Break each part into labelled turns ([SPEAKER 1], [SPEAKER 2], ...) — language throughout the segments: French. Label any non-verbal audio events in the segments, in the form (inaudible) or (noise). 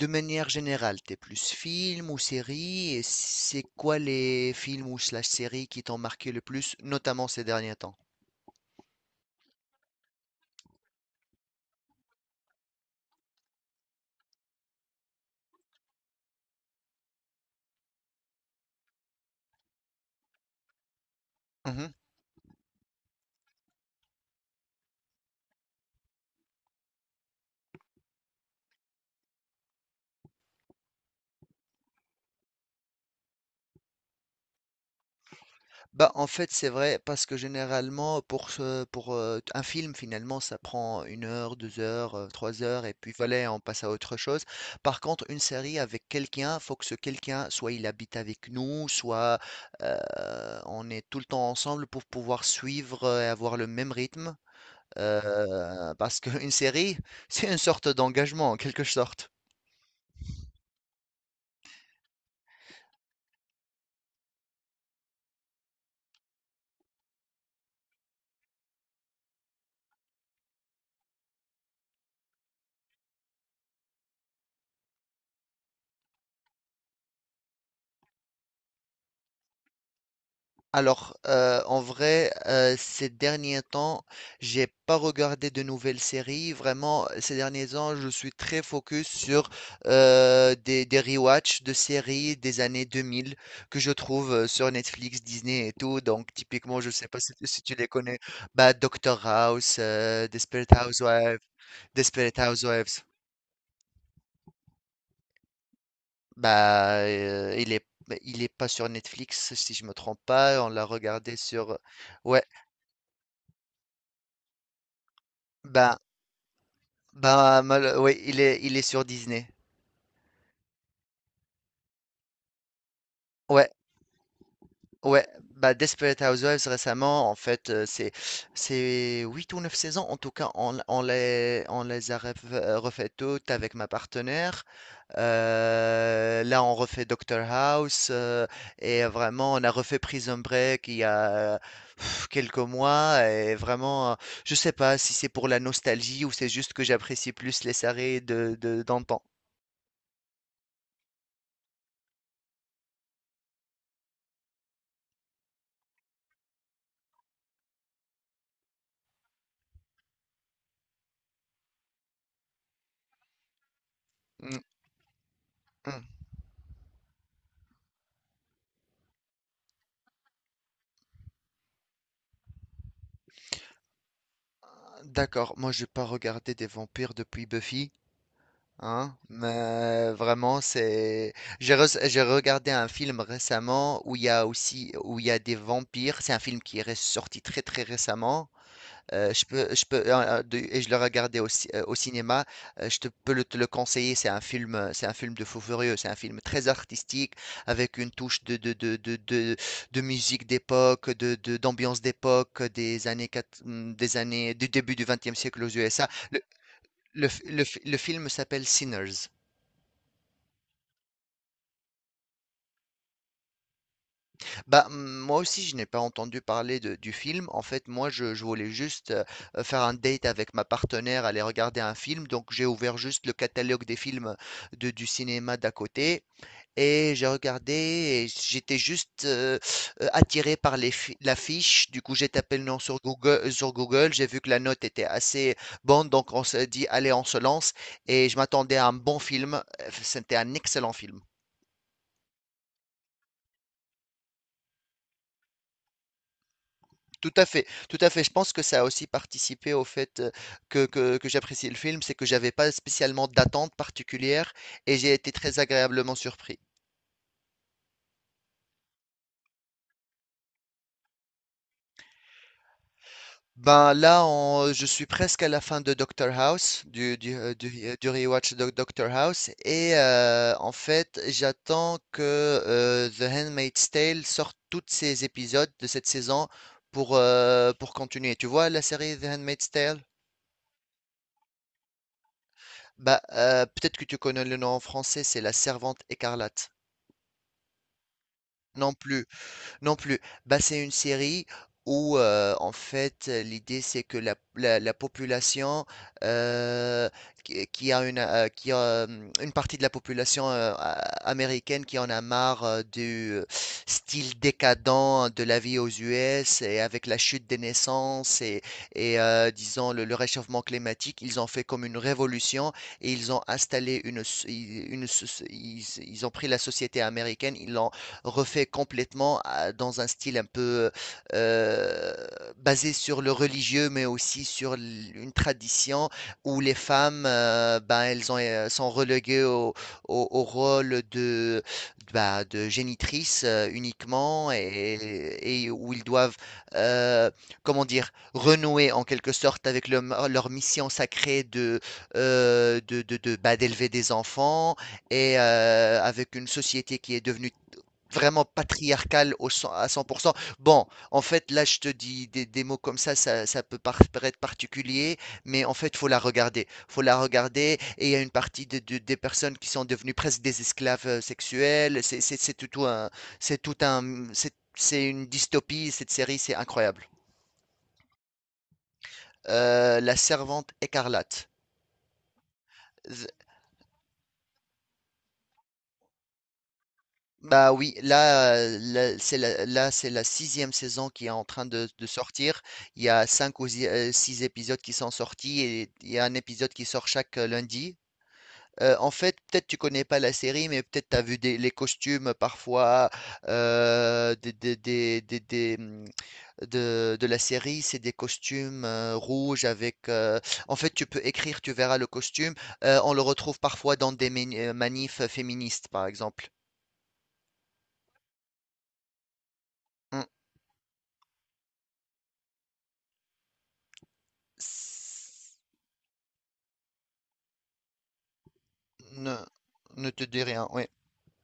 [SPEAKER 1] De manière générale, t'es plus film ou série, et c'est quoi les films ou slash séries qui t'ont marqué le plus, notamment ces derniers temps? Bah, en fait, c'est vrai parce que généralement, pour un film, finalement, ça prend une heure, 2 heures, 3 heures et puis voilà, on passe à autre chose. Par contre, une série avec quelqu'un, faut que ce quelqu'un, soit il habite avec nous, soit, heu, on est tout le temps ensemble pour pouvoir suivre, et avoir le même rythme, parce qu'une (laughs) série, c'est une sorte d'engagement, en quelque sorte. En vrai, ces derniers temps, j'ai pas regardé de nouvelles séries. Vraiment, ces derniers temps, je suis très focus sur des rewatch de séries des années 2000 que je trouve sur Netflix, Disney et tout. Donc, typiquement, je sais pas si tu les connais. Bah, Doctor House, Desperate Housewives. Desperate Housewives. Bah, il est pas sur Netflix, si je me trompe pas. On l'a regardé sur, ouais. Ben, Bah, oui, il est sur Disney. Ouais, ouais. Bah, Desperate Housewives récemment, en fait, c'est 8 ou 9 saisons. En tout cas, on les a refait toutes avec ma partenaire. Là, on refait Doctor House. Et vraiment, on a refait Prison Break il y a quelques mois. Et vraiment, je sais pas si c'est pour la nostalgie ou c'est juste que j'apprécie plus les séries d'antan. Mm. D'accord, moi j'ai pas regardé des vampires depuis Buffy, hein, mais vraiment c'est. J'ai regardé un film récemment où il y a aussi où il y a des vampires, c'est un film qui est sorti très très récemment. Je peux, de et Je l'ai regardé au cin au cinéma. Je te peux le te le conseiller. C'est un film de fou furieux. C'est un film très artistique avec une touche de musique d'époque, de d'ambiance d'époque, des années du début du XXe siècle aux USA. Le film s'appelle Sinners. Bah, moi aussi, je n'ai pas entendu parler de du film. En fait, moi, je voulais juste, faire un date avec ma partenaire, aller regarder un film. Donc, j'ai ouvert juste le catalogue des films de du cinéma d'à côté et j'ai regardé et j'étais juste, attiré par les fi l'affiche. Du coup, j'ai tapé le nom sur Google. J'ai vu que la note était assez bonne, donc on s'est dit: «Allez, on se lance» et je m'attendais à un bon film. C'était un excellent film. Tout à fait, tout à fait. Je pense que ça a aussi participé au fait que j'apprécie le film, c'est que j'avais pas spécialement d'attente particulière et j'ai été très agréablement surpris. Ben là, je suis presque à la fin de Doctor House, du rewatch de Doctor House, et en fait, j'attends que The Handmaid's Tale sorte tous ses épisodes de cette saison pour continuer. Tu vois la série The Handmaid's Tale? Bah, peut-être que tu connais le nom en français, c'est la Servante écarlate. Non plus. Non plus. Bah, c'est une série où, en fait, l'idée, c'est que la population, euh, qui a une partie de la population américaine qui en a marre du style décadent de la vie aux US et avec la chute des naissances et, disons, le réchauffement climatique, ils ont fait comme une révolution et ils ont installé ils ont pris la société américaine, ils l'ont refait complètement dans un style un peu euh, basé sur le religieux, mais aussi sur une tradition où les femmes, ben, elles ont, sont reléguées au rôle de, bah, de génitrice uniquement et où ils doivent, euh, comment dire, renouer en quelque sorte avec leur mission sacrée de, bah, d'élever des enfants et avec une société qui est devenue vraiment patriarcale à 100%. Bon, en fait, là, je te dis des mots comme ça peut paraître particulier, mais en fait, faut la regarder. Faut la regarder, et il y a une partie des personnes qui sont devenues presque des esclaves sexuels. C'est tout un, c'est tout un, c'est une dystopie, cette série, c'est incroyable. La Servante écarlate. Bah oui, là, c'est la sixième saison qui est en train de sortir. Il y a cinq ou six épisodes qui sont sortis et il y a un épisode qui sort chaque lundi. En fait, peut-être tu connais pas la série, mais peut-être tu as vu les costumes parfois euh, des, des- des- des- des, hum, de la série. C'est des costumes rouges avec. En fait, tu peux écrire, tu verras le costume. On le retrouve parfois dans des manifs féministes, par exemple. Mm. S- Ne, Ne te dis rien, oui.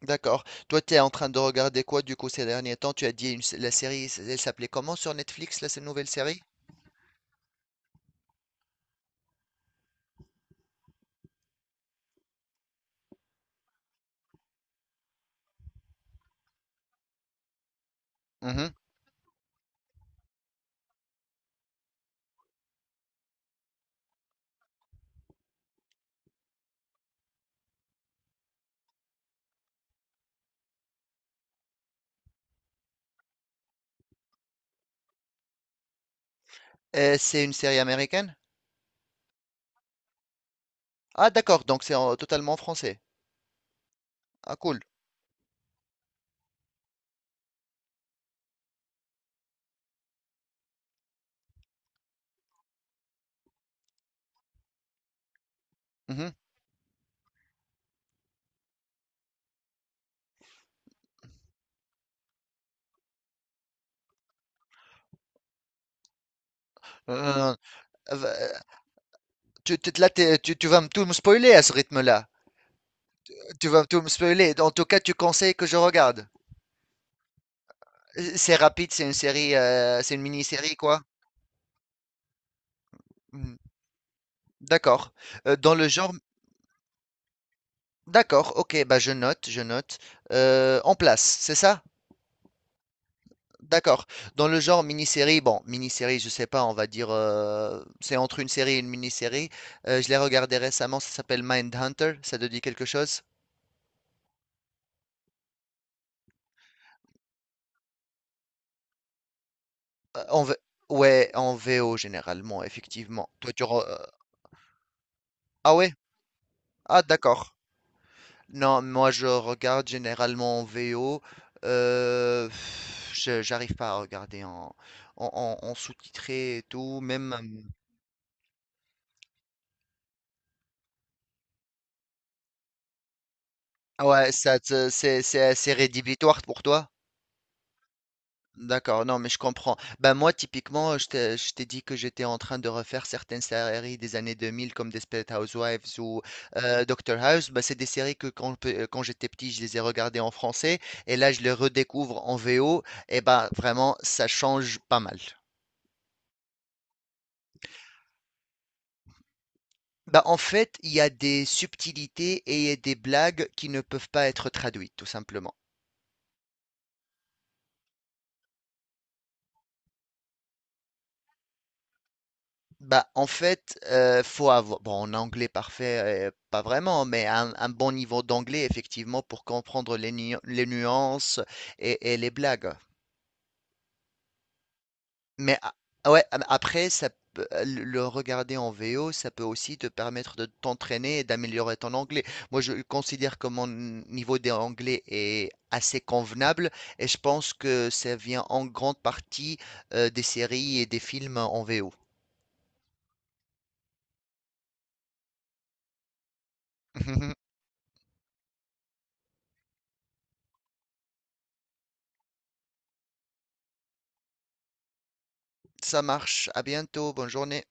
[SPEAKER 1] D'accord. Toi, tu es en train de regarder quoi du coup ces derniers temps? Tu as dit la série, elle s'appelait comment sur Netflix, là, cette nouvelle série? Mhm. Et c'est une série américaine? Ah, d'accord, donc c'est totalement français. Ah, cool. Mhm. Euh, euh, là, tu vas me tout me spoiler à ce rythme-là. Tu vas tout me spoiler. En tout cas, tu conseilles que je regarde. C'est rapide, c'est une série, c'est une mini-série, quoi. Mhm. D'accord. Dans le genre. D'accord, ok, bah je note, je note. En place, c'est ça? D'accord. Dans le genre mini-série, bon, mini-série, je sais pas, on va dire, c'est entre une série et une mini-série. Je l'ai regardé récemment, ça s'appelle Mindhunter, ça te dit quelque chose? Euh, en V- Ouais, en VO généralement, effectivement. Toi. Ah ouais? Ah d'accord. Non, moi je regarde généralement en VO. J'arrive pas à regarder en- en sous-titré et tout, même. Ouais, c'est assez rédhibitoire pour toi? D'accord, non, mais je comprends. Ben moi, typiquement, je t'ai dit que j'étais en train de refaire certaines séries des années 2000, comme Desperate Housewives ou Doctor House. Ben, c'est des séries que quand j'étais petit, je les ai regardées en français et là, je les redécouvre en VO. Et ben vraiment, ça change pas mal. Ben, en fait, il y a des subtilités et des blagues qui ne peuvent pas être traduites, tout simplement. Bah, en fait, faut avoir. Bon, en anglais parfait, pas vraiment, mais un bon niveau d'anglais, effectivement, pour comprendre les nuances et les blagues. Mais ah, ouais, après, le regarder en VO, ça peut aussi te permettre de t'entraîner et d'améliorer ton anglais. Moi, je considère que mon niveau d'anglais est assez convenable et je pense que ça vient en grande partie des séries et des films en VO. (laughs) Ça marche. À bientôt. Bonne journée.